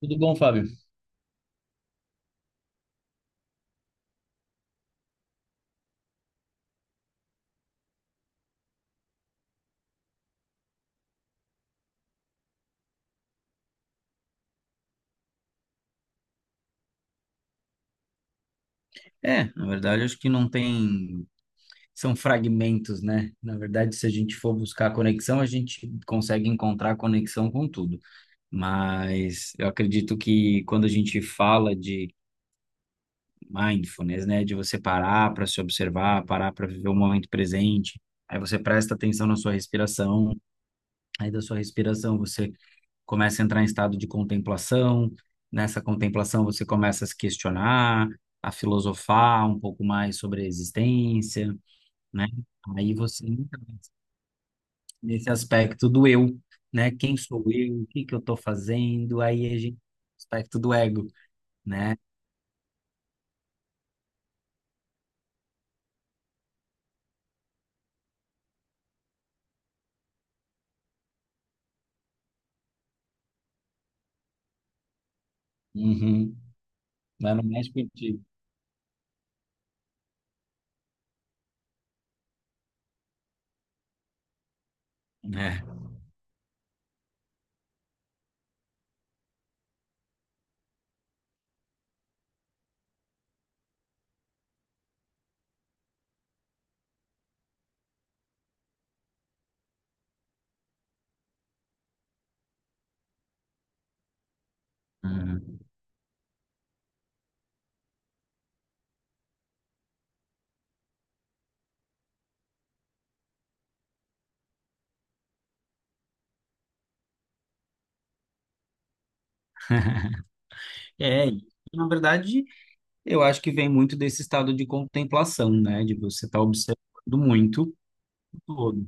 Tudo bom, Fábio? É, na verdade, acho que não tem. São fragmentos, né? Na verdade, se a gente for buscar conexão, a gente consegue encontrar conexão com tudo. Mas eu acredito que quando a gente fala de mindfulness, né? De você parar para se observar, parar para viver o momento presente, aí você presta atenção na sua respiração, aí da sua respiração você começa a entrar em estado de contemplação. Nessa contemplação, você começa a se questionar, a filosofar um pouco mais sobre a existência, né? Aí você entra nesse aspecto do eu, né? Quem sou eu? O que que eu estou fazendo? Aí a gente aspecto do ego, né? Uhum. Mas não mexe contigo. É. Uhum. É, e, na verdade, eu acho que vem muito desse estado de contemplação, né? De você estar observando muito o todo.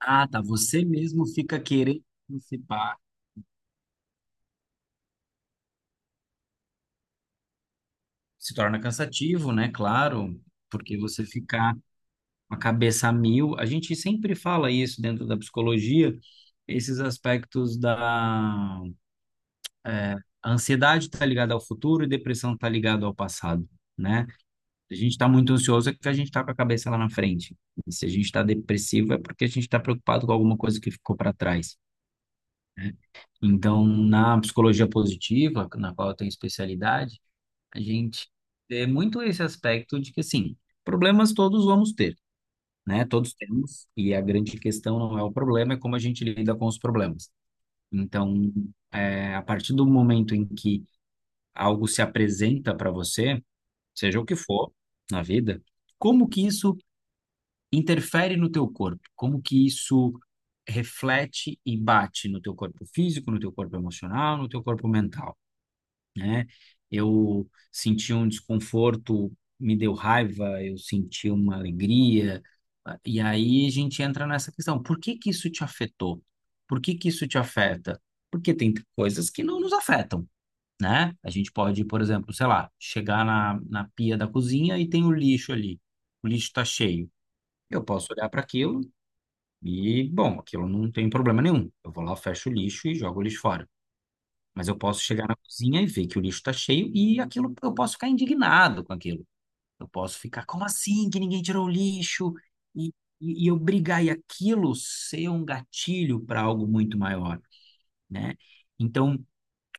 Ah, tá. Você mesmo fica querendo participar. Se torna cansativo, né? Claro, porque você ficar com a cabeça a mil. A gente sempre fala isso dentro da psicologia, esses aspectos da é, a ansiedade está ligada ao futuro e depressão está ligada ao passado, né? Se a gente está muito ansioso é porque a gente está com a cabeça lá na frente. E se a gente está depressivo é porque a gente está preocupado com alguma coisa que ficou para trás. Então, na psicologia positiva, na qual eu tenho especialidade, a gente vê muito esse aspecto de que, assim, problemas todos vamos ter, né? Todos temos, e a grande questão não é o problema, é como a gente lida com os problemas. Então, a partir do momento em que algo se apresenta para você, seja o que for na vida, como que isso interfere no teu corpo? Como que isso reflete e bate no teu corpo físico, no teu corpo emocional, no teu corpo mental? Né? Eu senti um desconforto, me deu raiva, eu senti uma alegria. E aí a gente entra nessa questão: por que que isso te afetou? Por que que isso te afeta? Porque tem coisas que não nos afetam, né? A gente pode, por exemplo, sei lá, chegar na pia da cozinha e tem o lixo ali. O lixo está cheio. Eu posso olhar para aquilo e, bom, aquilo não tem problema nenhum. Eu vou lá, fecho o lixo e jogo o lixo fora. Mas eu posso chegar na cozinha e ver que o lixo está cheio e aquilo eu posso ficar indignado com aquilo. Eu posso ficar, como assim que ninguém tirou o lixo? E, e eu brigar e aquilo ser um gatilho para algo muito maior, né? Então,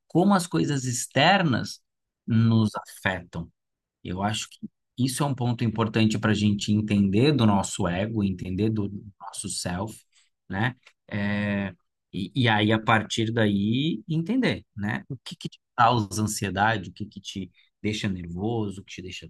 como as coisas externas nos afetam, eu acho que isso é um ponto importante para a gente entender do nosso ego, entender do nosso self, né? É, e aí, a partir daí, entender, né? O que que te causa ansiedade, o que que te deixa nervoso, o que te deixa.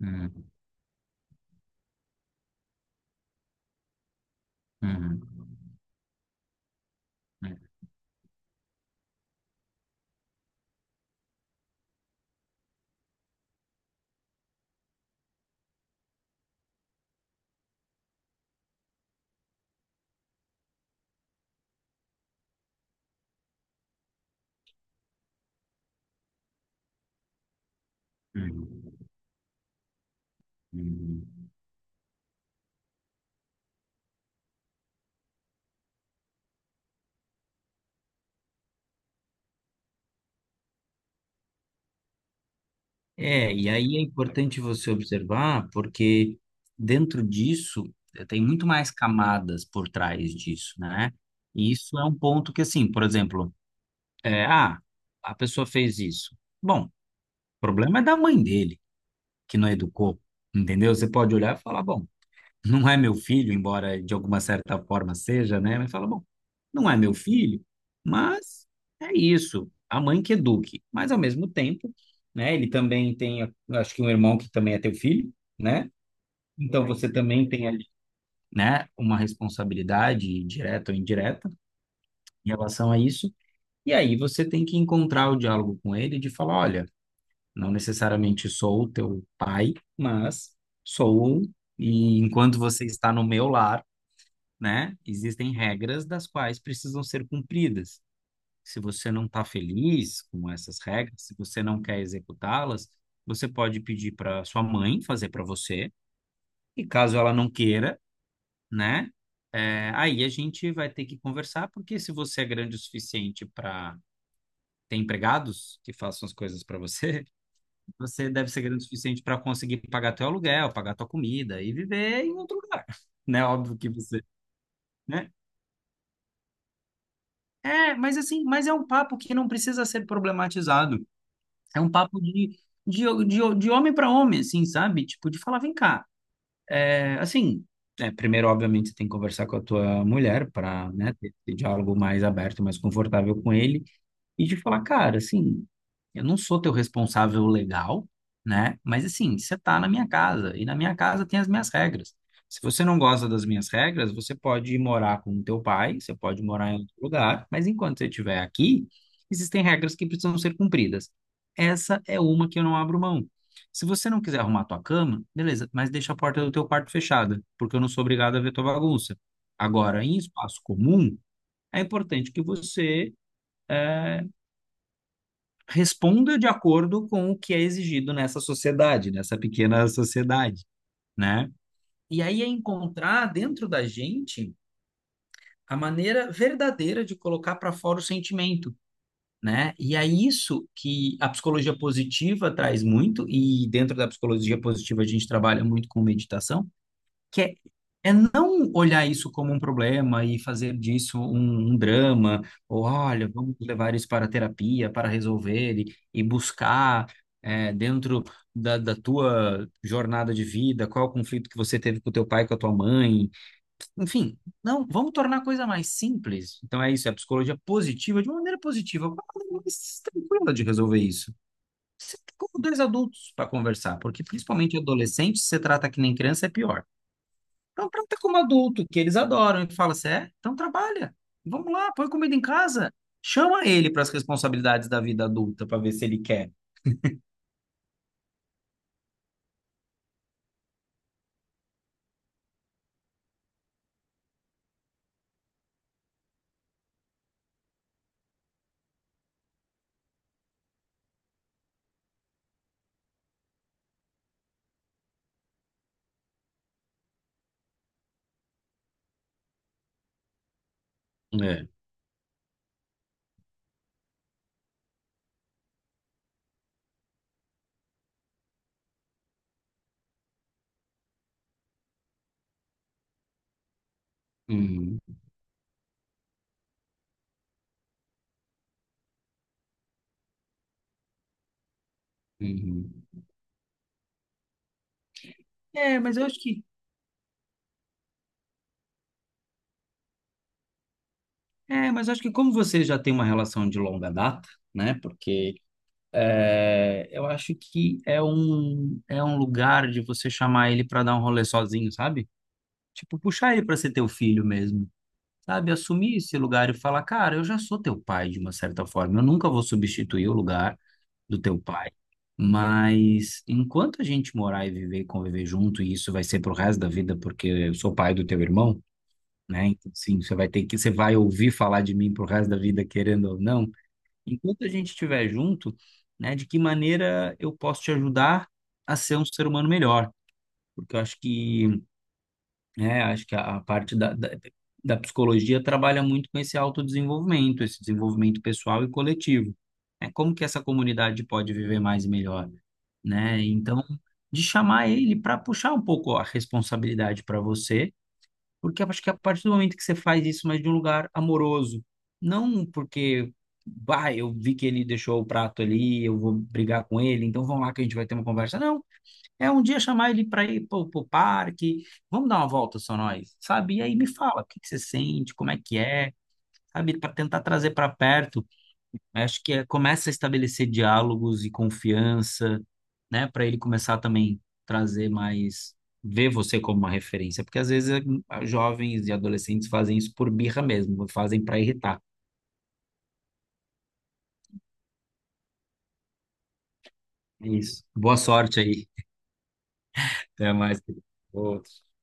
Uhum, uhum, uhum, uhum. É, e aí é importante você observar, porque dentro disso tem muito mais camadas por trás disso, né? E isso é um ponto que, assim, por exemplo. É, ah, a pessoa fez isso. Bom, o problema é da mãe dele, que não educou, entendeu? Você pode olhar e falar, bom, não é meu filho, embora de alguma certa forma seja, né? Mas fala, bom, não é meu filho, mas é isso, a mãe que eduque. Mas ao mesmo tempo, né, ele também tem, acho que um irmão que também é teu filho, né? Então você também tem ali, né, uma responsabilidade direta ou indireta em relação a isso. E aí você tem que encontrar o diálogo com ele de falar, olha, não necessariamente sou o teu pai, mas sou, e enquanto você está no meu lar, né, existem regras das quais precisam ser cumpridas. Se você não está feliz com essas regras, se você não quer executá-las, você pode pedir para sua mãe fazer para você, e caso ela não queira, né, aí a gente vai ter que conversar, porque se você é grande o suficiente para ter empregados que façam as coisas para você, você deve ser grande o suficiente para conseguir pagar teu aluguel, pagar tua comida e viver em outro lugar, né? Óbvio que você, né? É, mas assim, mas é um papo que não precisa ser problematizado. É um papo de homem para homem, assim, sabe? Tipo, de falar, vem cá. É, assim, é, primeiro, obviamente, você tem que conversar com a tua mulher para, né, ter esse diálogo mais aberto, mais confortável com ele. E de falar, cara, assim, eu não sou teu responsável legal, né? Mas assim, você tá na minha casa e na minha casa tem as minhas regras. Se você não gosta das minhas regras, você pode ir morar com o teu pai, você pode morar em outro lugar, mas enquanto você estiver aqui, existem regras que precisam ser cumpridas. Essa é uma que eu não abro mão. Se você não quiser arrumar tua cama, beleza, mas deixa a porta do teu quarto fechada, porque eu não sou obrigado a ver tua bagunça. Agora, em espaço comum, é importante que você eh, responda de acordo com o que é exigido nessa sociedade, nessa pequena sociedade, né? E aí é encontrar dentro da gente a maneira verdadeira de colocar para fora o sentimento, né? E é isso que a psicologia positiva traz muito, e dentro da psicologia positiva a gente trabalha muito com meditação, que é, é não olhar isso como um problema e fazer disso um drama, ou olha, vamos levar isso para a terapia para resolver e buscar é, dentro da tua jornada de vida, qual é o conflito que você teve com o teu pai, com a tua mãe, enfim, não, vamos tornar a coisa mais simples. Então é isso, é a psicologia positiva, de uma maneira positiva, uma maneira mais tranquila de resolver isso. Sempre como dois adultos para conversar, porque principalmente adolescente, se você trata que nem criança, é pior. Então trata como adulto, que eles adoram. E fala assim, é? Então trabalha. Vamos lá, põe comida em casa. Chama ele para as responsabilidades da vida adulta para ver se ele quer. É. Uhum, uhum. É, mas eu acho que, É, mas eu acho que como você já tem uma relação de longa data, né? Porque é, eu acho que é um lugar de você chamar ele para dar um rolê sozinho, sabe? Tipo, puxar ele para ser teu filho mesmo. Sabe, assumir esse lugar e falar, cara, eu já sou teu pai de uma certa forma, eu nunca vou substituir o lugar do teu pai, mas enquanto a gente morar e viver e conviver junto, e isso vai ser pro resto da vida, porque eu sou pai do teu irmão, né? Então, sim, você vai ter que, você vai ouvir falar de mim pro resto da vida, querendo ou não. Enquanto a gente estiver junto, né, de que maneira eu posso te ajudar a ser um ser humano melhor? Porque eu acho que é, acho que a parte da, da, da psicologia trabalha muito com esse autodesenvolvimento, esse desenvolvimento pessoal e coletivo. É como que essa comunidade pode viver mais e melhor, né? Então, de chamar ele para puxar um pouco a responsabilidade para você, porque eu acho que a partir do momento que você faz isso, mas de um lugar amoroso, não porque, bah, eu vi que ele deixou o prato ali, eu vou brigar com ele, então vamos lá que a gente vai ter uma conversa. Não, é um dia chamar ele para ir pro parque, vamos dar uma volta só nós, sabe? E aí me fala, o que que você sente, como é que é, sabe? Para tentar trazer para perto. Acho que é, começa a estabelecer diálogos e confiança, né? Para ele começar também trazer mais, ver você como uma referência, porque às vezes jovens e adolescentes fazem isso por birra mesmo, fazem para irritar. É isso. Boa sorte aí. Até mais, querido. Outro.